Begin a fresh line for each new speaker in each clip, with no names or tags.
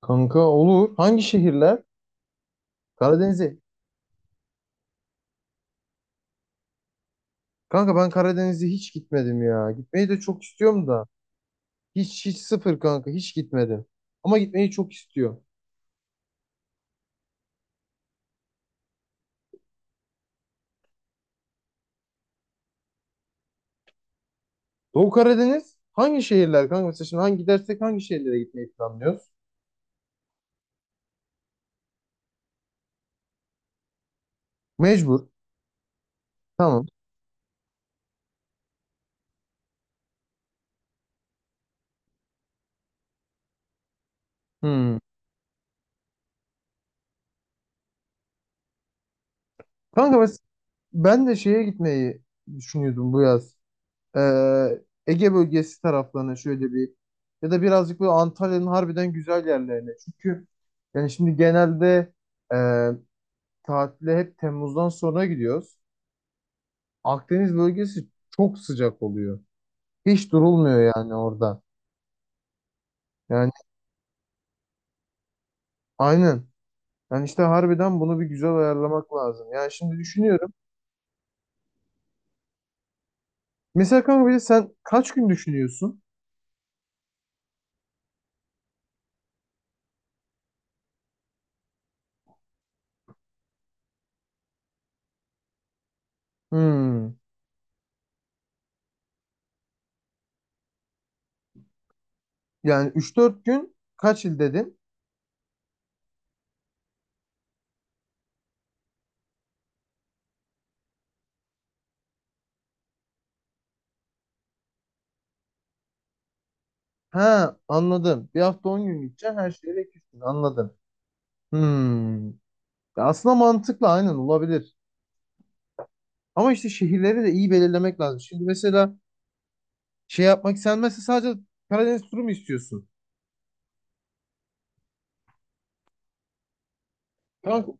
Kanka olur. Hangi şehirler? Karadeniz'e. Kanka ben Karadeniz'e hiç gitmedim ya. Gitmeyi de çok istiyorum da. Hiç hiç sıfır kanka hiç gitmedim. Ama gitmeyi çok istiyorum. Doğu Karadeniz hangi şehirler kanka? Mesela şimdi gidersek hangi şehirlere gitmeyi planlıyoruz? Mecbur. Tamam. Hmm. Kanka, ben de şeye gitmeyi düşünüyordum bu yaz. Ee, Ege bölgesi taraflarına şöyle bir, ya da birazcık böyle Antalya'nın harbiden güzel yerlerine. Çünkü yani şimdi genelde tatile hep Temmuz'dan sonra gidiyoruz. Akdeniz bölgesi çok sıcak oluyor. Hiç durulmuyor yani orada. Yani aynen. Yani işte harbiden bunu bir güzel ayarlamak lazım. Yani şimdi düşünüyorum. Mesela kanka bir de sen kaç gün düşünüyorsun? Hmm. Yani üç dört gün kaç il dedin? Ha, anladım. Bir hafta on gün gideceksin. Her şeyle 2 gün anladım. Hmm. Ya, aslında mantıklı, aynen olabilir. Ama işte şehirleri de iyi belirlemek lazım. Şimdi mesela şey yapmak, sen mesela sadece Karadeniz turu mu istiyorsun? Kanka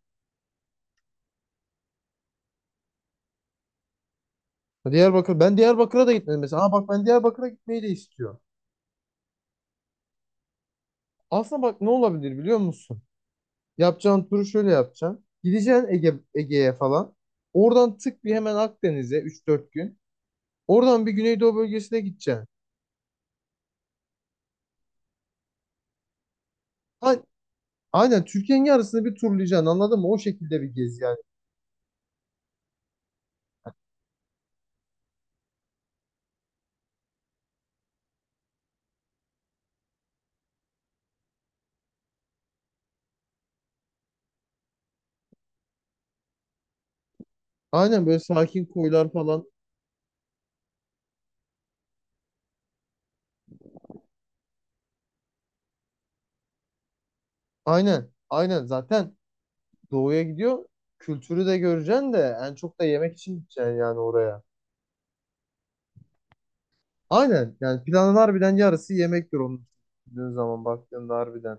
Diyarbakır. Ben Diyarbakır'a da gitmedim mesela. Aa bak, ben Diyarbakır'a gitmeyi de istiyorum. Aslında bak ne olabilir biliyor musun? Yapacağın turu şöyle yapacaksın. Gideceksin Ege, Ege'ye falan. Oradan tık bir hemen Akdeniz'e üç dört gün. Oradan bir Güneydoğu bölgesine gideceksin. Ha, aynen, Türkiye'nin yarısını bir turlayacaksın, anladın mı? O şekilde bir gez yani. Aynen, böyle sakin koylar falan. Aynen. Aynen zaten doğuya gidiyor. Kültürü de göreceksin de en çok da yemek için gideceksin yani oraya. Aynen, yani planın harbiden yarısı yemektir onun, düşündüğün zaman baktığında harbiden.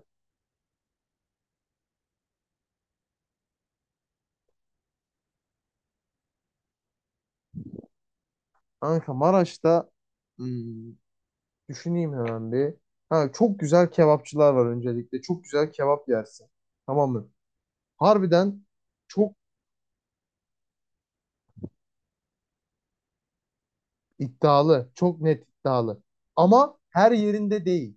Kanka Maraş'ta, hmm, düşüneyim hemen bir. Ha, çok güzel kebapçılar var öncelikle. Çok güzel kebap yersin. Tamam mı? Harbiden çok iddialı. Çok net iddialı. Ama her yerinde değil.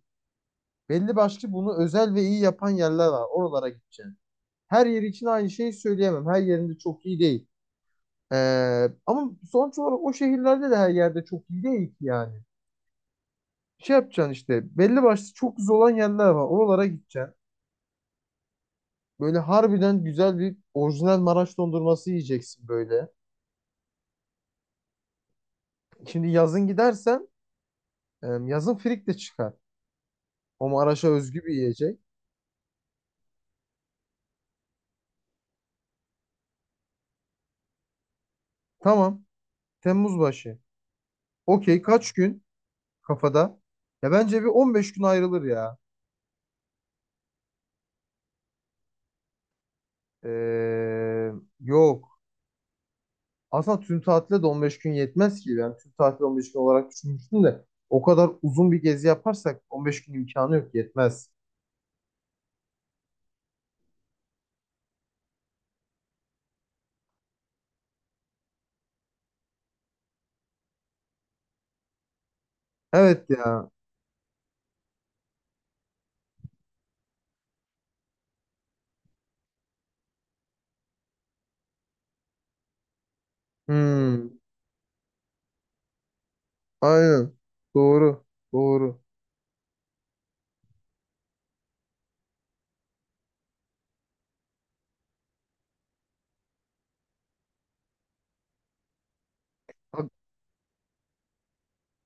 Belli başlı bunu özel ve iyi yapan yerler var. Oralara gideceksin. Her yeri için aynı şeyi söyleyemem. Her yerinde çok iyi değil. Ama sonuç olarak o şehirlerde de her yerde çok iyi değil ki yani. Şey yapacaksın, işte belli başlı çok güzel olan yerler var. Oralara gideceksin. Böyle harbiden güzel bir orijinal Maraş dondurması yiyeceksin böyle. Şimdi yazın gidersen yazın frik de çıkar. O Maraş'a özgü bir yiyecek. Tamam. Temmuz başı. Okey, kaç gün kafada? Ya bence bir 15 gün ayrılır ya. Ee, Yok. Aslında tüm tatile de 15 gün yetmez ki. Ben tüm tatil 15 gün olarak düşünmüştüm de o kadar uzun bir gezi yaparsak 15 gün imkanı yok, yetmez. Evet ya. Hmm, aynen. Doğru. Doğru. Bak,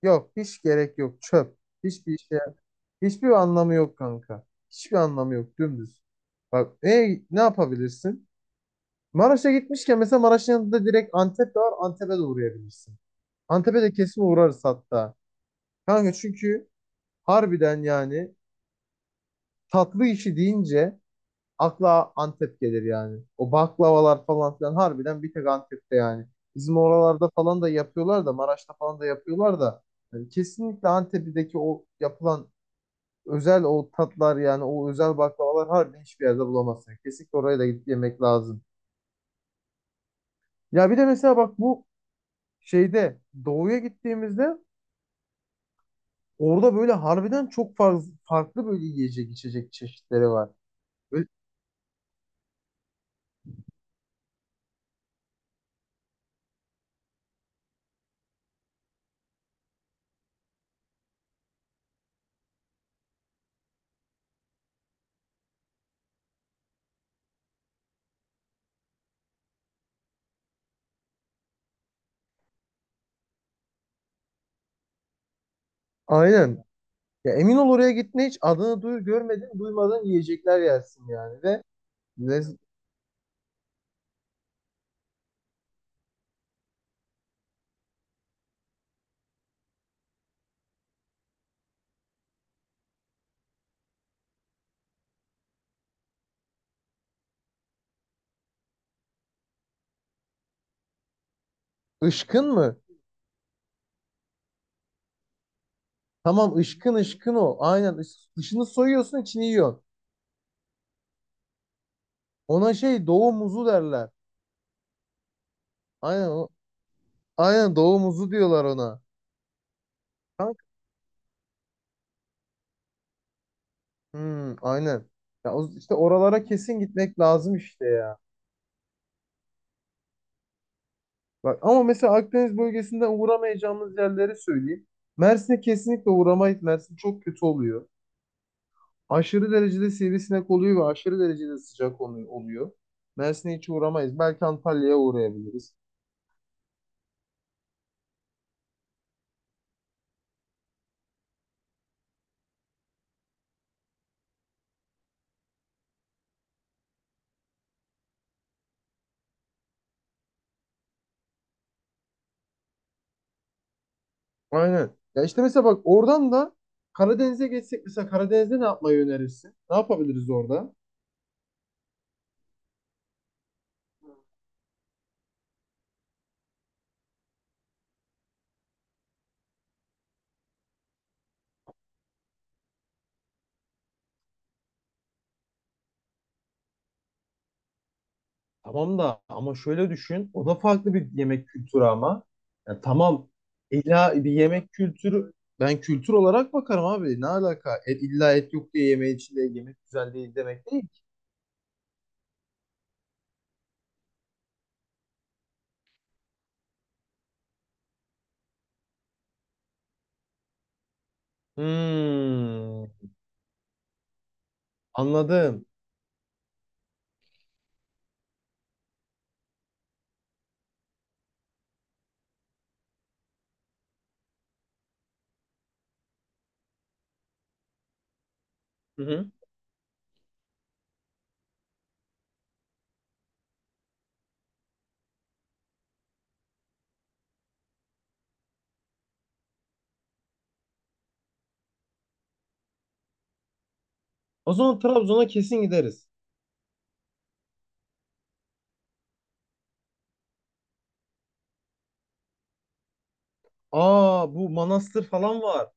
yok hiç gerek yok. Çöp. Hiçbir şey. Hiçbir anlamı yok kanka. Hiçbir anlamı yok. Dümdüz. Bak, ne yapabilirsin? Maraş'a gitmişken mesela Maraş'ın yanında direkt Antep de var. Antep'e de uğrayabilirsin. Antep'e de kesin uğrarız hatta. Kanka çünkü harbiden yani tatlı işi deyince akla Antep gelir yani. O baklavalar falan filan harbiden bir tek Antep'te yani. Bizim oralarda falan da yapıyorlar da Maraş'ta falan da yapıyorlar da, yani kesinlikle Antep'teki o yapılan özel o tatlar, yani o özel baklavalar harbiden hiçbir yerde bulamazsın. Yani kesinlikle oraya da gidip yemek lazım. Ya bir de mesela bak, bu şeyde doğuya gittiğimizde orada böyle harbiden çok farklı, farklı böyle yiyecek içecek çeşitleri var. Böyle- Aynen. Ya emin ol, oraya gitme, hiç adını görmedin duymadan yiyecekler yersin yani ve lez- ışkın mı? Tamam, ışkın, ışkın o. Aynen, dışını soyuyorsun, içini yiyorsun. Ona şey, doğu muzu derler. Aynen o. Aynen, doğu muzu diyorlar ona. Kanka. Hmm, aynen. Ya işte oralara kesin gitmek lazım işte ya. Bak, ama mesela Akdeniz bölgesinden uğramayacağımız yerleri söyleyeyim. Mersin'e kesinlikle uğramayız. Mersin çok kötü oluyor. Aşırı derecede sivrisinek oluyor ve aşırı derecede sıcak oluyor. Mersin'e hiç uğramayız. Belki Antalya'ya uğrayabiliriz. Aynen. Ya işte mesela bak, oradan da Karadeniz'e geçsek mesela, Karadeniz'de ne yapmayı önerirsin? Ne yapabiliriz orada? Tamam da, ama şöyle düşün. O da farklı bir yemek kültürü ama. Ya tamam. İlla bir yemek kültürü, ben kültür olarak bakarım abi. Ne alaka? İlla et yok diye yemeği içinde yemek güzel değil demek değil. Ki. Hmm, anladım. Hı hı. O zaman Trabzon'a kesin gideriz. Aa, bu Manastır falan var.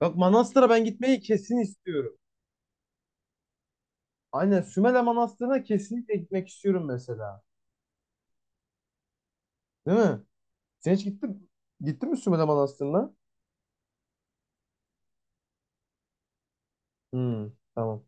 Bak, Manastır'a ben gitmeyi kesin istiyorum. Aynen, Sümele Manastır'ına kesinlikle gitmek istiyorum mesela. Değil mi? Sen hiç gittin, gittin mi Sümele Manastır'ına? Hmm, tamam.